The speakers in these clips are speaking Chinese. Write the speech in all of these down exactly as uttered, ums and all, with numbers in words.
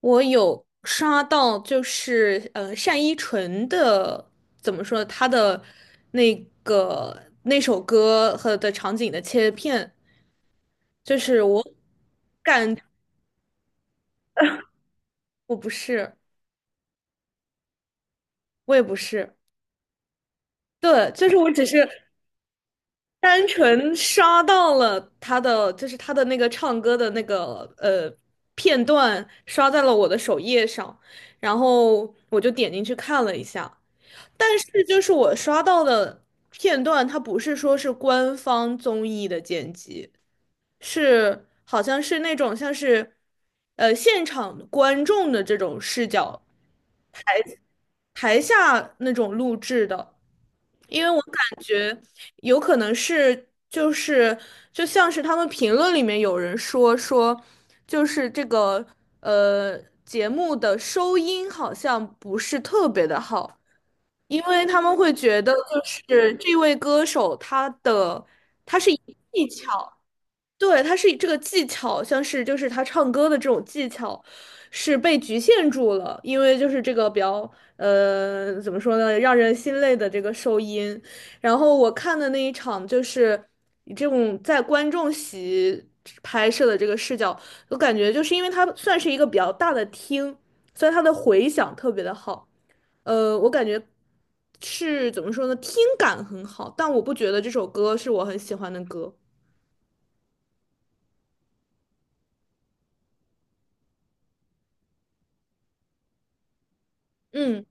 我有刷到，就是呃，单依纯的怎么说，她的那个那首歌和的场景的切片，就是我感我不是，我也不是，对，就是我只是单纯刷到了她的，就是她的那个唱歌的那个呃片段，刷在了我的首页上，然后我就点进去看了一下。但是就是我刷到的片段，它不是说是官方综艺的剪辑，是好像是那种像是，呃，现场观众的这种视角，台下那种录制的。因为我感觉有可能是就是就像是他们评论里面有人说说，就是这个呃节目的收音好像不是特别的好。因为他们会觉得，就是这位歌手他的他是以技巧，对，他是以这个技巧，像是就是他唱歌的这种技巧是被局限住了，因为就是这个比较呃怎么说呢，让人心累的这个收音。然后我看的那一场就是以这种在观众席拍摄的这个视角，我感觉就是因为他算是一个比较大的厅，所以它的回响特别的好。呃，我感觉是怎么说呢，听感很好，但我不觉得这首歌是我很喜欢的歌。嗯。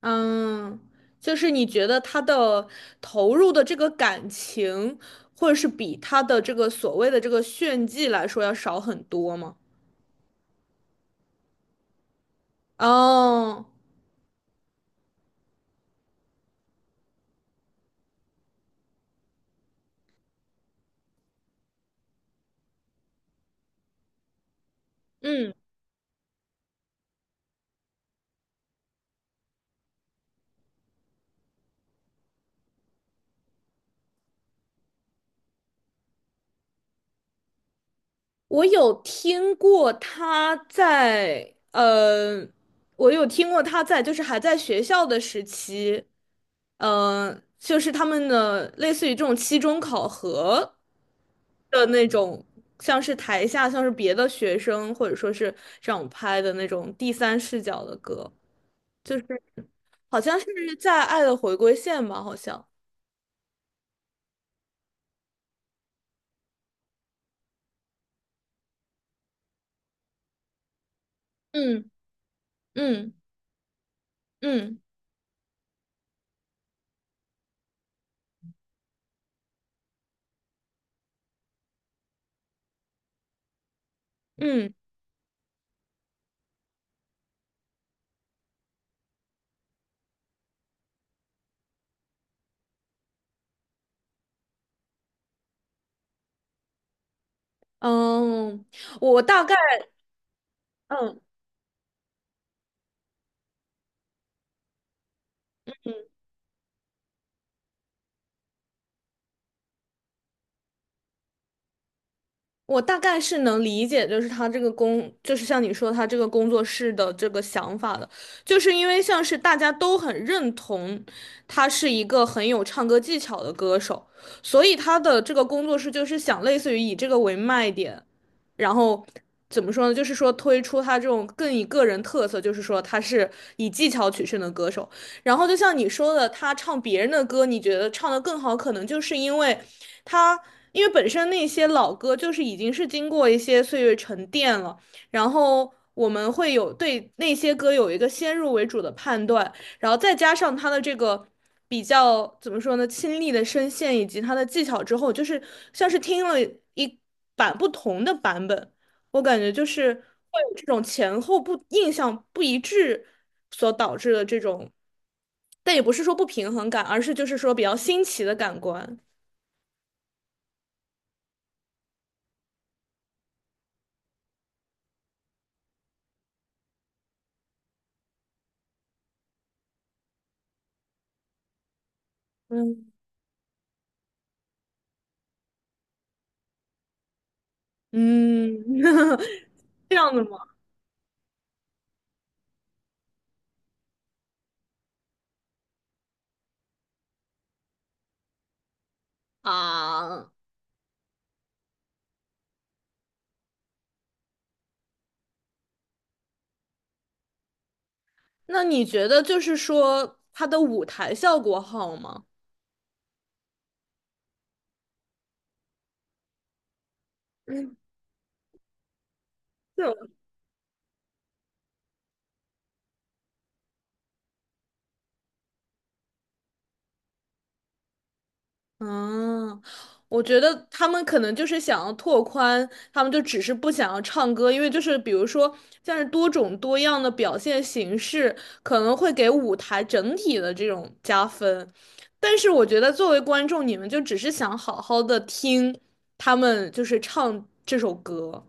嗯，就是你觉得他的投入的这个感情，或者是比他的这个所谓的这个炫技来说要少很多吗？哦，嗯。我有听过他在，呃，我有听过他在，就是还在学校的时期，呃，就是他们的类似于这种期中考核的那种，像是台下像是别的学生或者说是这样拍的那种第三视角的歌，就是好像是在《爱的回归线》吧，好像，嗯。嗯。嗯。嗯。嗯，哦，我大概。嗯。我大概是能理解，就是他这个工，就是像你说他这个工作室的这个想法的，就是因为像是大家都很认同他是一个很有唱歌技巧的歌手，所以他的这个工作室就是想类似于以这个为卖点，然后怎么说呢，就是说推出他这种更以个人特色，就是说他是以技巧取胜的歌手。然后就像你说的，他唱别人的歌，你觉得唱得更好，可能就是因为。他因为本身那些老歌就是已经是经过一些岁月沉淀了，然后我们会有对那些歌有一个先入为主的判断，然后再加上他的这个比较怎么说呢，亲历的声线以及他的技巧之后，就是像是听了一版不同的版本，我感觉就是会有这种前后不印象不一致所导致的这种。但也不是说不平衡感，而是就是说比较新奇的感官。嗯。嗯，这样的吗？啊，那你觉得就是说他的舞台效果好吗？就，嗯，我觉得他们可能就是想要拓宽，他们就只是不想要唱歌，因为就是比如说像是多种多样的表现形式，可能会给舞台整体的这种加分。但是我觉得作为观众，你们就只是想好好的听他们就是唱这首歌。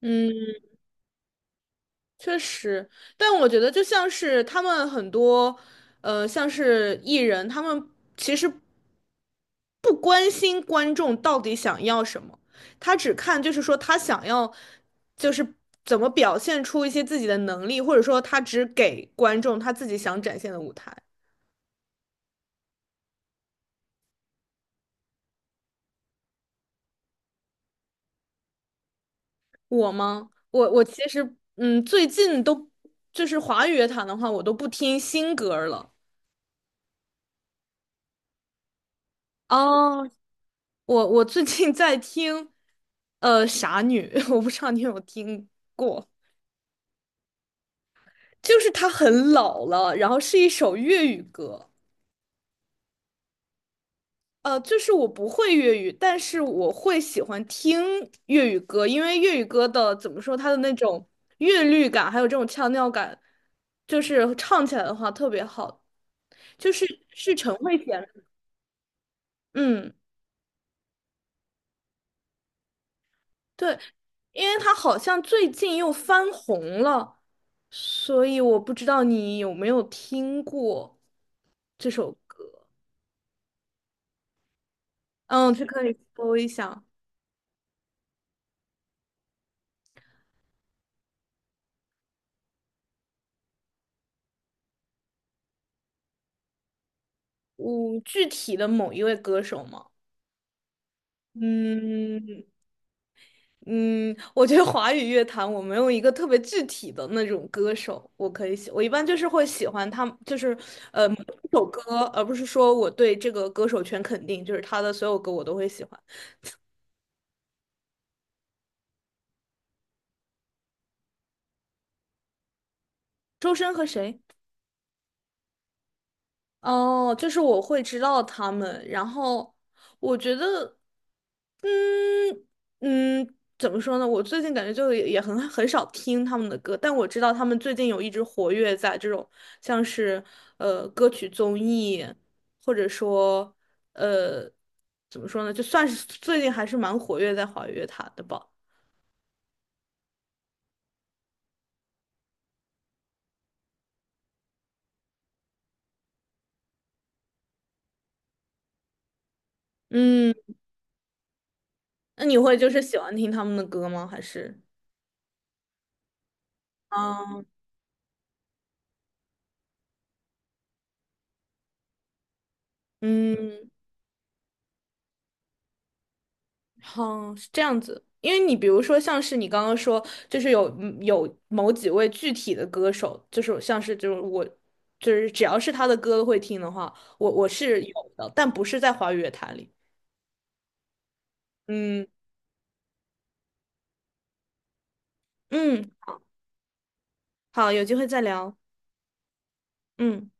嗯。确实，但我觉得就像是他们很多，呃，像是艺人，他们其实不关心观众到底想要什么，他只看就是说他想要，就是怎么表现出一些自己的能力，或者说他只给观众他自己想展现的舞台。我吗？我我其实，嗯，最近都就是华语乐坛的话，我都不听新歌儿了。哦，我我最近在听，呃，傻女，我不知道你有没有听过，就是她很老了，然后是一首粤语歌，呃，就是我不会粤语，但是我会喜欢听粤语歌，因为粤语歌的怎么说，它的那种韵律感，还有这种腔调感，就是唱起来的话特别好，就是是陈慧娴，嗯。对，因为他好像最近又翻红了，所以我不知道你有没有听过这首歌。嗯，去可以搜一下，嗯，具体的某一位歌手吗？嗯。嗯，我觉得华语乐坛我没有一个特别具体的那种歌手，我可以喜，我一般就是会喜欢他，就是呃某一首歌，而不是说我对这个歌手全肯定，就是他的所有歌我都会喜欢。周深和谁？哦，就是我会知道他们，然后我觉得，嗯。嗯，怎么说呢？我最近感觉就也也很很少听他们的歌，但我知道他们最近有一直活跃在这种像是呃歌曲综艺，或者说呃怎么说呢，就算是最近还是蛮活跃在华语乐坛的吧。嗯，那你会就是喜欢听他们的歌吗？还是？嗯。嗯。哦，是这样子。因为你比如说，像是你刚刚说，就是有嗯有某几位具体的歌手，就是像是就是我，就是只要是他的歌会听的话，我我是有的，但不是在华语乐坛里。嗯。嗯，好，有机会再聊。嗯。